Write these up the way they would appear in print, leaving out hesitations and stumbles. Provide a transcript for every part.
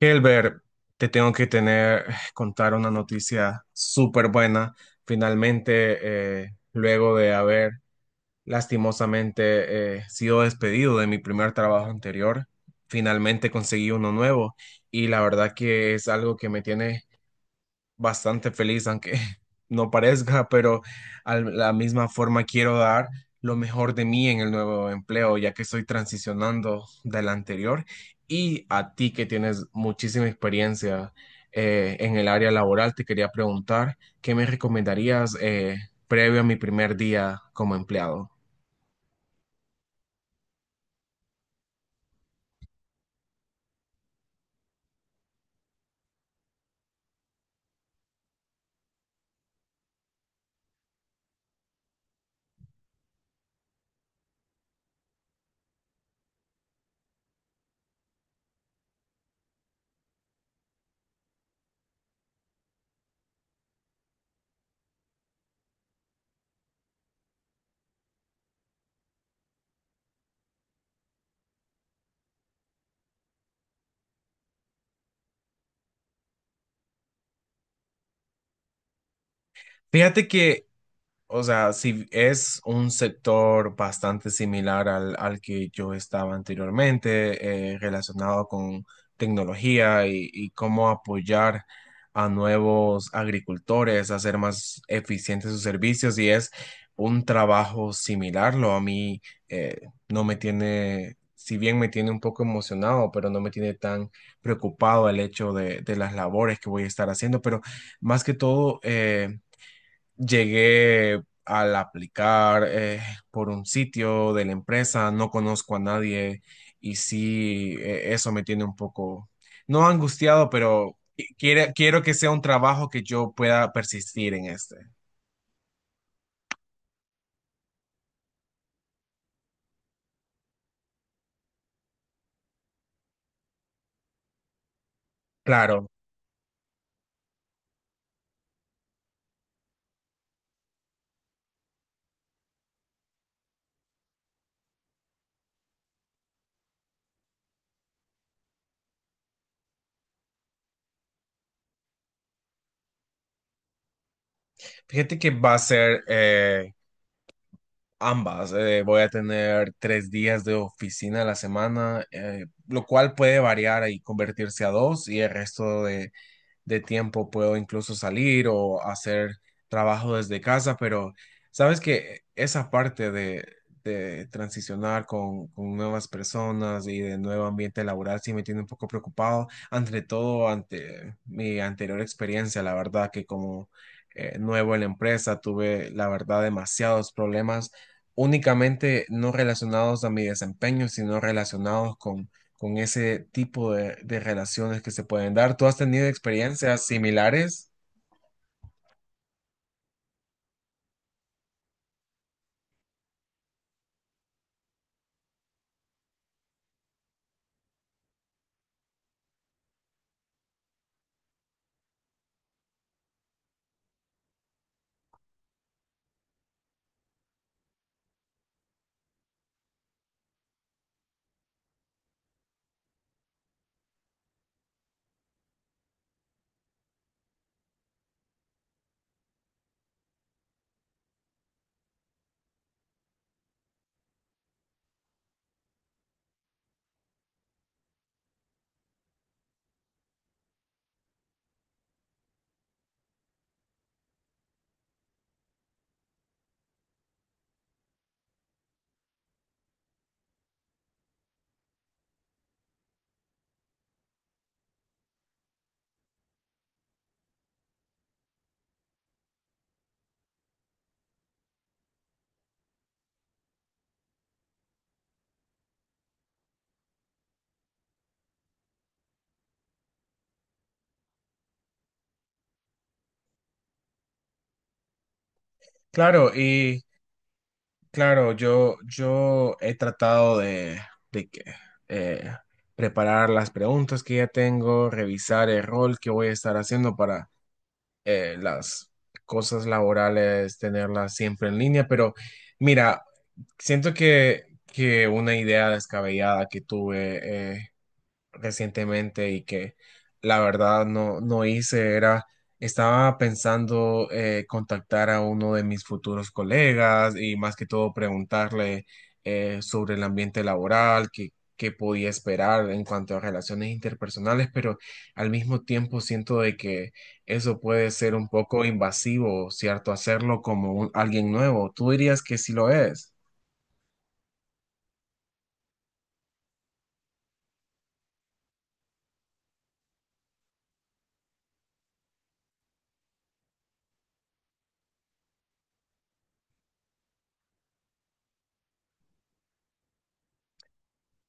Hilbert, te tengo que tener, contar una noticia súper buena. Finalmente, luego de haber lastimosamente sido despedido de mi primer trabajo anterior, finalmente conseguí uno nuevo y la verdad que es algo que me tiene bastante feliz, aunque no parezca, pero a la misma forma quiero dar lo mejor de mí en el nuevo empleo, ya que estoy transicionando del anterior y a ti que tienes muchísima experiencia en el área laboral, te quería preguntar, ¿qué me recomendarías previo a mi primer día como empleado? Fíjate que, o sea, si es un sector bastante similar al que yo estaba anteriormente, relacionado con tecnología y cómo apoyar a nuevos agricultores a hacer más eficientes sus servicios, y es un trabajo similar, lo a mí eh, no me tiene, si bien me tiene un poco emocionado, pero no me tiene tan preocupado el hecho de las labores que voy a estar haciendo, pero más que todo, llegué al aplicar por un sitio de la empresa, no conozco a nadie y sí, eso me tiene un poco, no angustiado, pero quiero que sea un trabajo que yo pueda persistir en este. Claro, fíjate que va a ser ambas. Voy a tener 3 días de oficina a la semana, lo cual puede variar y convertirse a dos y el resto de tiempo puedo incluso salir o hacer trabajo desde casa, pero sabes que esa parte de transicionar con nuevas personas y de nuevo ambiente laboral sí me tiene un poco preocupado, ante todo ante mi anterior experiencia, la verdad que como nuevo en la empresa tuve, la verdad, demasiados problemas únicamente no relacionados a mi desempeño, sino relacionados con ese tipo de relaciones que se pueden dar. ¿Tú has tenido experiencias similares? Claro, y claro, yo he tratado de que, eh, preparar las preguntas que ya tengo, revisar el rol que voy a estar haciendo, las cosas laborales, tenerlas siempre en línea, pero mira, siento que una idea descabellada que tuve recientemente y que la verdad no hice, era, estaba pensando, contactar a uno de mis futuros colegas y más que todo preguntarle sobre el ambiente laboral, qué, qué podía esperar en cuanto a relaciones interpersonales, pero al mismo tiempo siento de que eso puede ser un poco invasivo, ¿cierto? Hacerlo como alguien nuevo. ¿Tú dirías que sí lo es?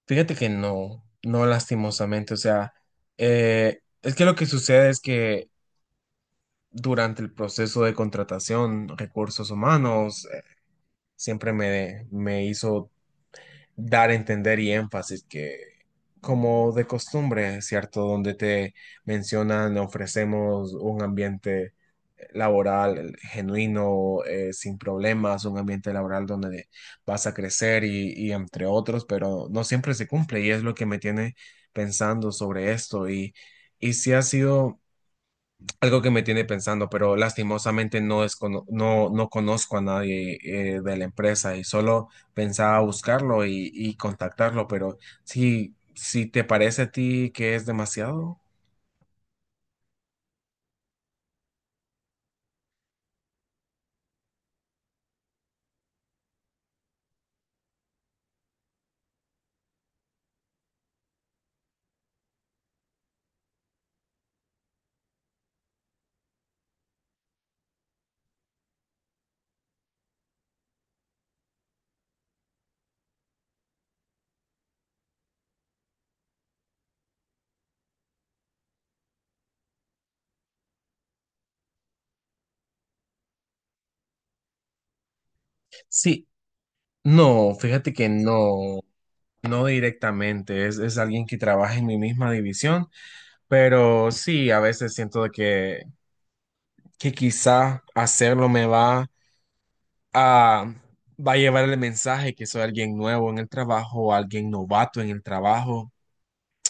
Fíjate que no, no lastimosamente, o sea, es que lo que sucede es que durante el proceso de contratación, recursos humanos siempre me hizo dar a entender y énfasis que, como de costumbre, ¿cierto? Donde te mencionan, ofrecemos un ambiente laboral genuino, sin problemas, un ambiente laboral donde vas a crecer y entre otros, pero no siempre se cumple y es lo que me tiene pensando sobre esto y sí ha sido algo que me tiene pensando, pero lastimosamente no, no conozco a nadie de la empresa y solo pensaba buscarlo y contactarlo, pero si, si te parece a ti que es demasiado. Sí, no, fíjate que no, no directamente, es alguien que trabaja en mi misma división, pero sí, a veces siento de que quizá hacerlo me ah, va a llevar el mensaje que soy alguien nuevo en el trabajo, alguien novato en el trabajo.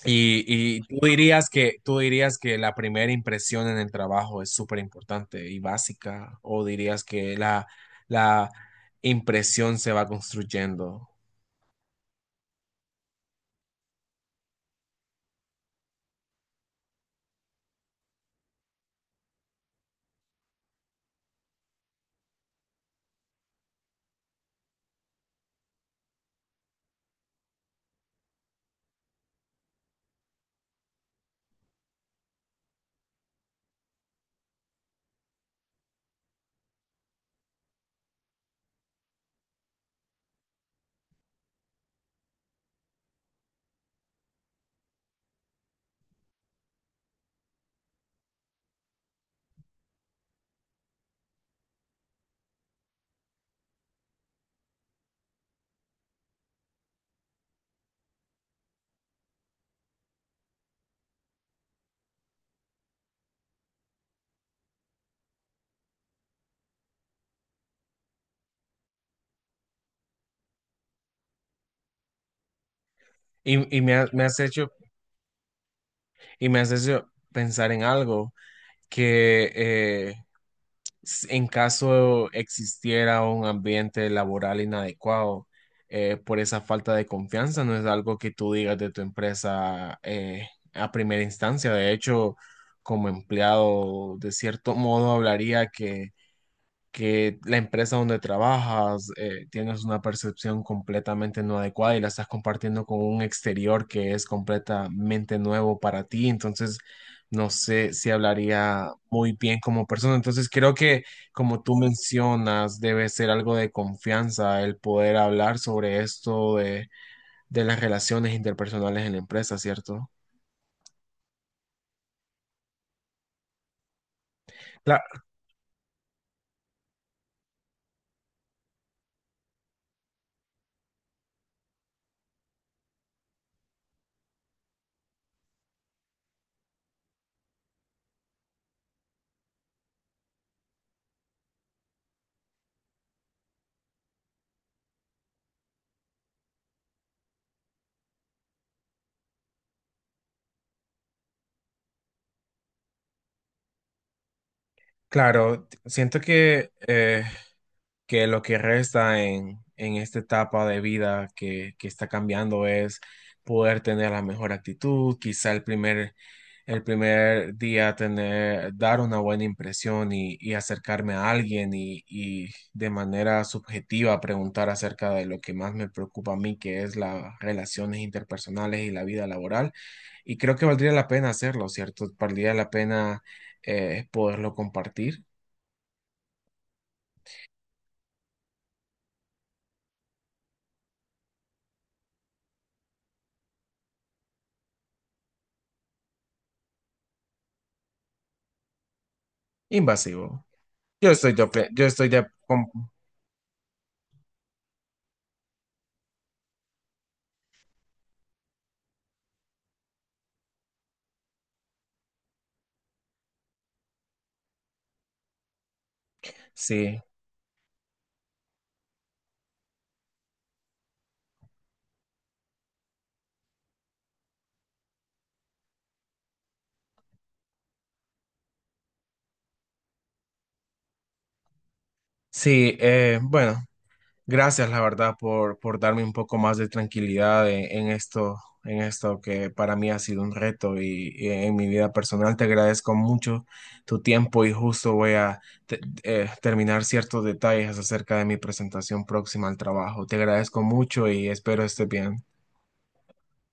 Y tú dirías que la primera impresión en el trabajo es súper importante y básica, o dirías que la impresión se va construyendo. Y me, me has hecho, y me has hecho pensar en algo que en caso existiera un ambiente laboral inadecuado por esa falta de confianza, no es algo que tú digas de tu empresa a primera instancia. De hecho, como empleado, de cierto modo, hablaría que la empresa donde trabajas, tienes una percepción completamente no adecuada y la estás compartiendo con un exterior que es completamente nuevo para ti, entonces no sé si hablaría muy bien como persona. Entonces creo que como tú mencionas, debe ser algo de confianza el poder hablar sobre esto de las relaciones interpersonales en la empresa, ¿cierto? Cla- claro, siento que lo que resta en esta etapa de vida que está cambiando es poder tener la mejor actitud, quizá el primer día tener, dar una buena impresión y acercarme a alguien y de manera subjetiva preguntar acerca de lo que más me preocupa a mí, que es las relaciones interpersonales y la vida laboral. Y creo que valdría la pena hacerlo, ¿cierto? Valdría la pena poderlo compartir. Invasivo. Yo estoy de, yo estoy de, com- sí, sí, bueno, gracias la verdad por darme un poco más de tranquilidad en esto, en esto que para mí ha sido un reto y en mi vida personal te agradezco mucho tu tiempo y justo voy a te- terminar ciertos detalles acerca de mi presentación próxima al trabajo. Te agradezco mucho y espero estés bien.